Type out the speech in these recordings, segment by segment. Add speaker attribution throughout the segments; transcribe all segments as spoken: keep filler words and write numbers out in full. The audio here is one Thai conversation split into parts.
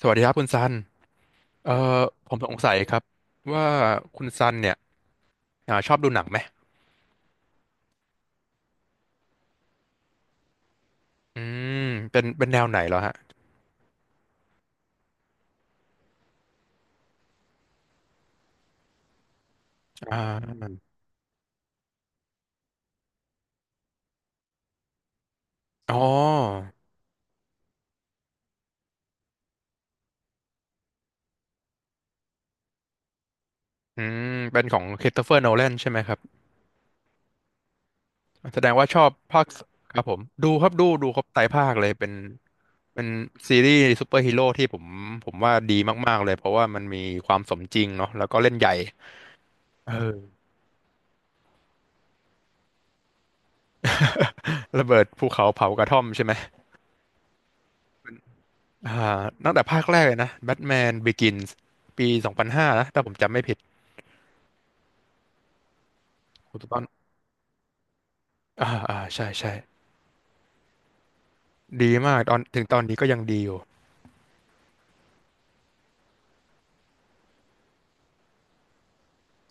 Speaker 1: สวัสดีครับคุณซันเอ่อผมสงสัยครับว่าคุณซันเนี่ยอ่าชอบดูหนังไหมอืมเป็นเป็นแนวไหนเหรอฮะอ่าอ๋ออืมเป็นของค h r i s t เฟอร์โนแลนใช่ไหมครับแสดงว่าชอบภาคครับผมดูครับดูดูครบไตรภาคเลยเป็นเป็นซีรีส์ซูเปอร์ฮีโร่ที่ผมผมว่าดีมากๆเลยเพราะว่ามันมีความสมจริงเนาะแล้วก็เล่นใหญ่เออระเบิดภูเขาเผากระท่อมใช่ไหม อ่าตั้งแต่ภาคแรกเลยนะแบทแมนบิกินส์ปีสองพันห้านะถ้าผมจำไม่ผิดคุณต้นอ่าอ่าใช่ใช่ดีมากตอนถึงตอนนี้ก็ยังดีอยู่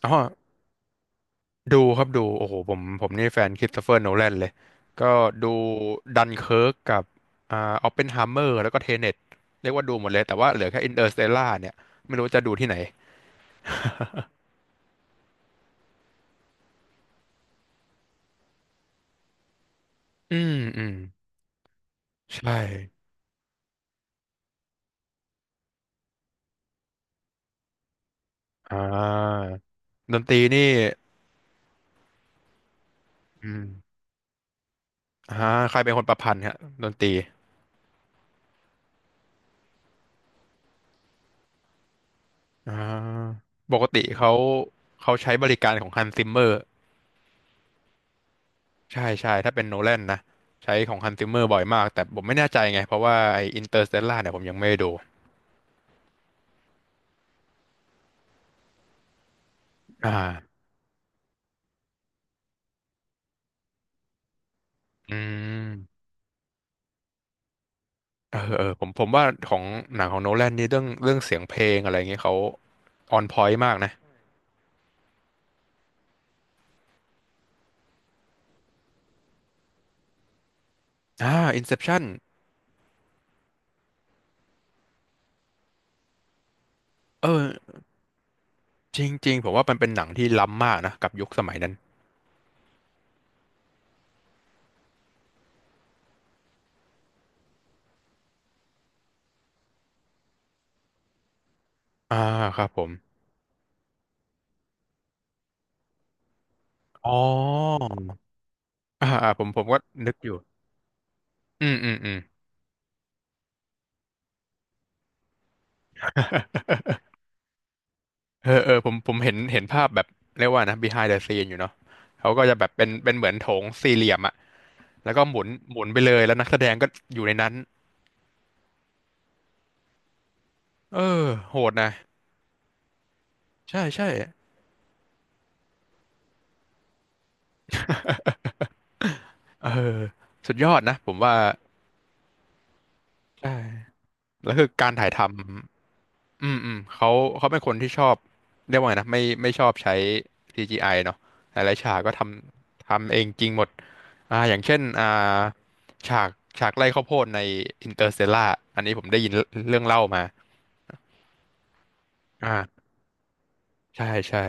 Speaker 1: อ๋อดูครับดูโอ้โหผมผมนี่แฟนคริสโตเฟอร์โนแลนเลยก็ดูดันเคิร์กกับอ่าออปเพนไฮเมอร์แล้วก็เทเน็ตเรียกว่าดูหมดเลยแต่ว่าเหลือแค่อินเตอร์สเตล่าเนี่ยไม่รู้จะดูที่ไหนอืมอืมใช่อ่าดนตรีนี่อืมอ่าใครเป็นคนประพันธ์ฮะดนตรี อ่าปกติเขาเขาใช้บริการของฮันซิมเมอร์ใช่ใช่ถ้าเป็นโนแลนนะใช้ของฮันซิมเมอร์บ่อยมากแต่ผมไม่แน่ใจไงเพราะว่าไออินเตอร์สเตลล่าเนี่ยผมยังไม่ได้ดูอ่าอืมเออเออผมผมว่าของหนังของโนแลนนี่เรื่องเรื่องเสียงเพลงอะไรเงี้ยเขาออนพอยต์มากนะอ่าอินเซปชันเออจริงๆผมว่ามันเป็นหนังที่ล้ำมากนะกับยุคสมัยนั้นอ่าครับผมอ๋ออ่าอ่าผมผมก็นึกอยู่อืมอืมอืม เออเออผมผมเห็นเห็นภาพแบบเรียกว่านะ behind the scene อยู่เนาะเขาก็จะแบบเป็นเป็นเหมือนโถงสี่เหลี่ยมอะแล้วก็หมุนหมุนไปเลยแล้วนักแสดงก็อยู่ในนั้นเออโหดนะใช่ใช่ เออสุดยอดนะผมว่าใช่แล้วคือการถ่ายทำ อืมอืมเขาเขาเป็นคนที่ชอบเรียกว่าไงนะไม่ไม่ชอบใช้ ซี จี ไอ เนาะหลายๆฉากก็ทำทำเองจริงหมดอ่าอย่างเช่นอ่าฉากฉากไร่ข้าวโพดใน Interstellar อันนี้ผมได้ยินเรื่องเล่ามาอ่าใช่ใช่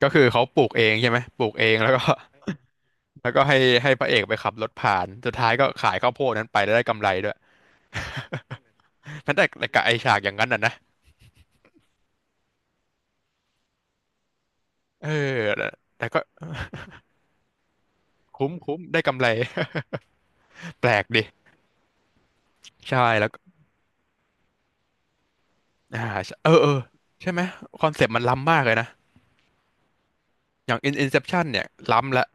Speaker 1: ก็คือเขาปลูกเองใช่ไหมปลูกเองแล้วก็ แล้วก็ให้ให้พระเอกไปขับรถผ่านสุดท้ายก็ขายข้าวโพดนั้นไปแล้วได้กำไรด้วย นั่นแต่แต่กับไอฉากอย่างนั้นน่ะนะเออแต่แต่ก็ คุ้มคุ้มได้กำไร แปลกดิ ใช่แล้วก็อ่าใช่เออเออ ใช่ไหมคอนเซปต์มันล้ำมากเลยนะ อย่าง In Inception เนี่ยล้ำละ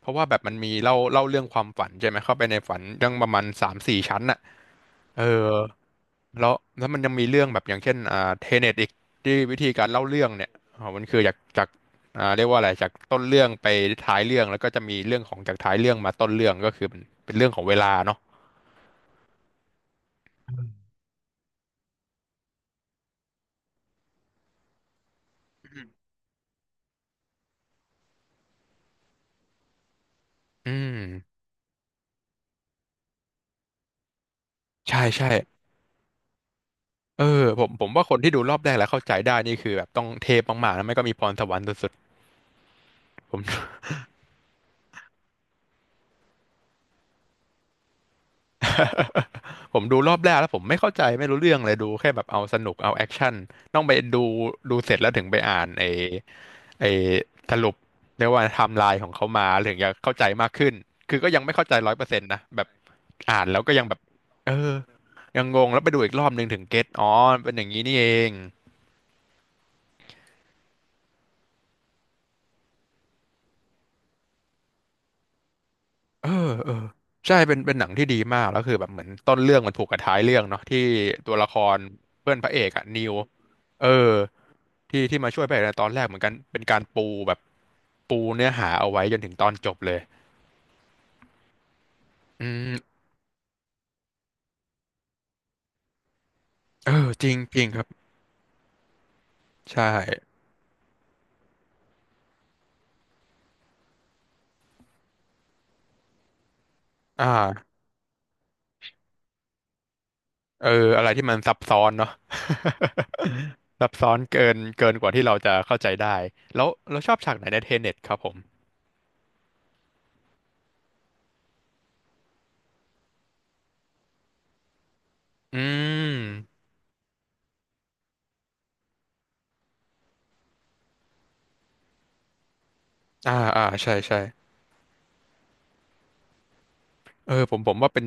Speaker 1: เพราะว่าแบบมันมีเล่าเล่าเรื่องความฝันใช่ไหม เข้าไปในฝันเรื่องประมาณสามสี่ชั้นน่ะเออแล้วแล้วมันยังมีเรื่องแบบอย่างเช่นอ่าเทเน็ตอีกที่วิธีการเล่าเรื่องเนี่ยอ๋อมันคือจากจากอ่าเรียกว่าอะไร จากต้นเรื่องไปท้ายเรื่อง แล้วก็จะมีเรื่องของจากท้ายเรื่องมาต้นเรื่องก็คือเป็นเป็นเรื่องของเวลาเนาะอืมใช่ใช่ เออผมผมว่าคนที่ดูรอบแรกแล้วเข้าใจได้นี่คือแบบต้องเทพมากๆแล้ไม่ก็มีพรสวรรค์สุดๆผม ผมดูรอบแรกแล้วผมไม่เข้าใจไม่รู้เรื่องเลยดูแค่แบบเอาสนุกเอาแอคชั่นต้องไปดูดูเสร็จแล้วถึงไปอ่านไอ้ไอ้สรุปเรียกว่าไทม์ไลน์ของเขามาถึงจะเข้าใจมากขึ้นคือก็ยังไม่เข้าใจร้อยเปอร์เซ็นต์นะแบบอ่านแล้วก็ยังแบบเออยังงงแล้วไปดูอีกรอบหนึ่งถึงเก็ตอ๋อเป็นอย่างนี้นี่เอง เออเออใช่เป็นเป็นหนังที่ดีมากแล้วคือแบบเหมือนต้นเรื่องมันผูกกับท้ายเรื่องเนาะที่ตัวละครเพื่อนพระเอกอะนิวเออที่ที่มาช่วยพระเอกในตอนแรกเหมือนกันเป็นการปูแบบปูเนื้อหาเอาไว้จนถึงตอนจบเลยอืมเออจริงจริงครับใช่อ่าเอออะไรที่มันซับซ้อนเนาะ ซับซ้อนเกินเกินกว่าที่เราจะเข้าใจได้แล้วเราชอบฉากไหนในเทเน็ตครับผมอืมอ่าอ่าใช่ใช่เออผมผมว่าเป็น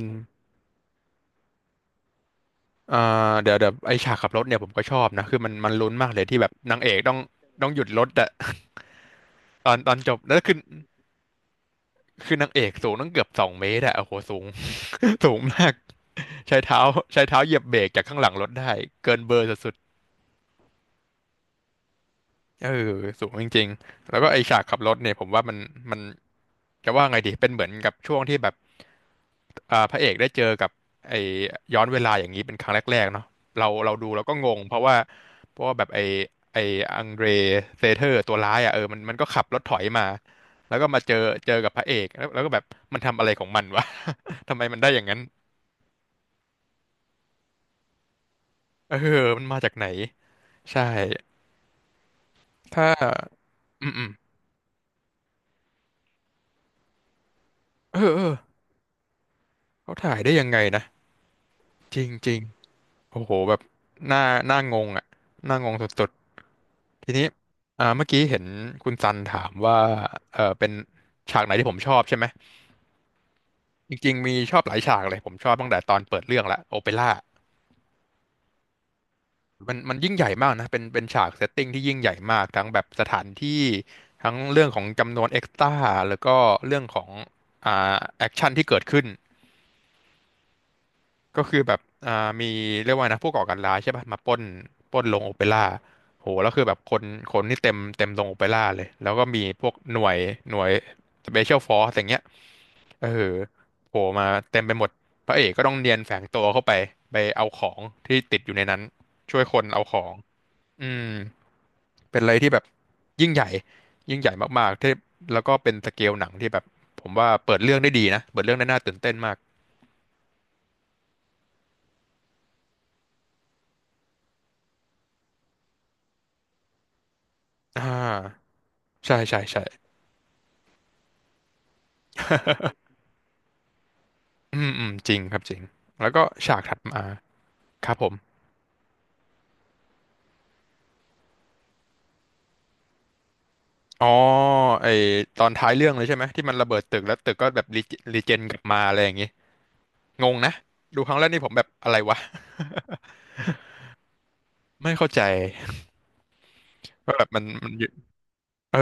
Speaker 1: อ่าเดี๋ยวเดี๋ยวไอฉากขับรถเนี่ยผมก็ชอบนะคือมันมันลุ้นมากเลยที่แบบนางเอกต้องต้องหยุดรถอะ ตอนตอนจบแล้วคือคือนางเอกสูงตั้งเกือบสองเมตรอะโอ้โหสูง สูงมากใช้เท้าใช้เท้าเหยียบเบรกจากข้างหลังรถได้เกินเบอร์สุด เออสูงจริงๆ แล้วก็ไอฉากขับรถเนี่ยผมว่ามันมันจะว่าไงดีเป็นเหมือนกับช่วงที่แบบอ่าพระเอกได้เจอกับไอย้อนเวลาอย่างนี้เป็นครั้งแรกๆเนาะเราเราดูเราก็งงเพราะว่าเพราะว่าแบบไอไออังเดรเซเทอร์ตัวร้ายอ่ะเออมันมันก็ขับรถถอยมาแล้วก็มาเจอเจอกับพระเอกแล้วแล้วก็แบบมันทำอะไรของมันวะ ทำไมมันได้อย่างนั้นเออมันมาจากไหนใช่ถ้าอืมอืมเออเออเขาถ่ายได้ยังไงนะจริงจริง โอ้โหแบบหน้าหน้างงอ่ะหน้างงสุดๆทีนี้อ่าเมื่อกี้เห็นคุณซันถามว่าเออเป็นฉากไหนที่ผมชอบใช่ไหมจริงๆมีชอบหลายฉากเลยผมชอบตั้งแต่ตอนเปิดเรื่องละโอเปร่ามันมันยิ่งใหญ่มากนะเป็นเป็นฉากเซตติ้งที่ยิ่งใหญ่มากทั้งแบบสถานที่ทั้งเรื่องของจำนวนเอ็กซ์ตร้าแล้วก็เรื่องของอ่าแอคชั่นที่เกิดขึ้น ก็คือแบบอ่ามีเรียกว่านะผู้ก่อการร้ายใช่ป่ะมาปล้นปล้นโรงโอเปร่าโหแล้วคือแบบคนคนนี่เต็มเต็มโรงโอเปร่าเลยแล้วก็มีพวกหน่วยหน่วยสเปเชียลฟอร์สอย่างเงี้ยเออโผล่มาเต็มไปหมดพระเอกก็ต้องเนียนแฝงตัวเข้าไปไปเอาของที่ติดอยู่ในนั้นช่วยคนเอาของอืมเป็นอะไรที่แบบยิ่งใหญ่ยิ่งใหญ่มากๆที่แล้วก็เป็นสเกลหนังที่แบบผมว่าเปิดเรื่องได้ดีนะเปิดเรื่องได้น่าตื่นเต้นมากอ่าใช่ใช่ใช่ อืมอืมจริงครับจริงแล้วก็ฉากถัดมาครับผมอ๋อไอตอนท้ายเรื่องเลยใช่ไหมที่มันระเบิดตึกแล้วตึกก็แบบรีรีเจนกลับมาอะไรอย่างงี้งงนะดูครั้งแรกนี่ผมแบบอะไรวะ ไม่เข้าใจว่าแบบมันมันอยู่เออ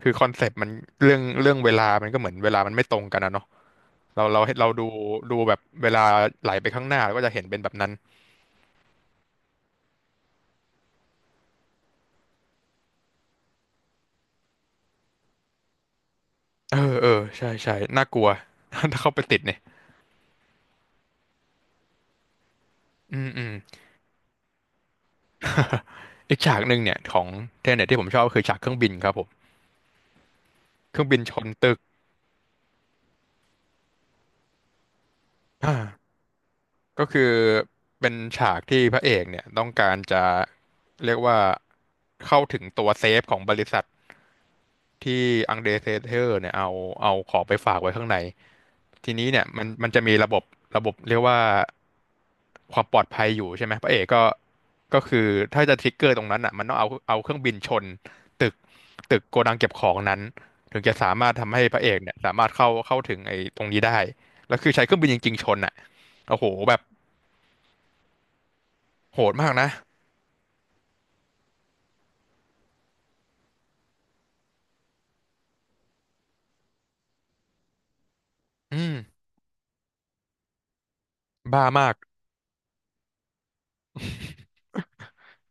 Speaker 1: คือคอนเซปต์มันเรื่องเรื่องเวลามันก็เหมือนเวลามันไม่ตรงกันนะเนาะเราเราเราดูดูแบบเวลาไหลไปข้างหน้าเราก็จะเห็นเป็นแบบนั้นเออเออใช่ใช่น่ากลัว ถ้าเข้าไปติดเนี่ยอืมอืม อีกฉากหนึ่งเนี่ยของเทเน็ตที่ผมชอบก็คือฉากเครื่องบินครับผมเครื่องบินชนตึกอ่าก็คือเป็นฉากที่พระเอกเนี่ยต้องการจะเรียกว่าเข้าถึงตัวเซฟของบริษัท ที่อังเดรเซเทอร์เนี่ยเอาเอาของไปฝากไว้ข้างในทีนี้เนี่ยมันมันจะมีระบบระบบเรียกว่าความปลอดภัยอยู่ใช่ไหมพระเอกก็ก็คือถ้าจะทริกเกอร์ตรงนั้นอ่ะมันต้องเอาเอาเครื่องบินชนตึกตึกโกดังเก็บของนั้นถึงจะสามารถทำให้พระเอกเนี่ยสามารถเข้าเข้าถึงไอ้ตรงนี้ได้แล้วคือใช้เครื่องบินจริงๆชนอ่ะโอ้โหแบบโหดมากนะอืมบ้ามาก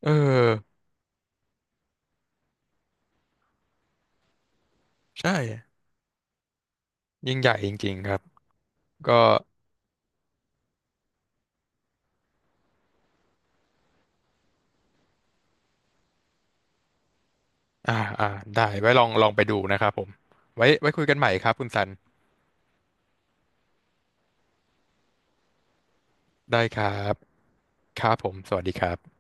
Speaker 1: เออใช่ยิ่งใหญ่จริงๆครับก็ อ่าอ่าได้ไว้ลองลองไปดูนะครับผมไว้ไว้คุยกันใหม่ครับคุณซันได้ครับครับผมสวัสดีครับ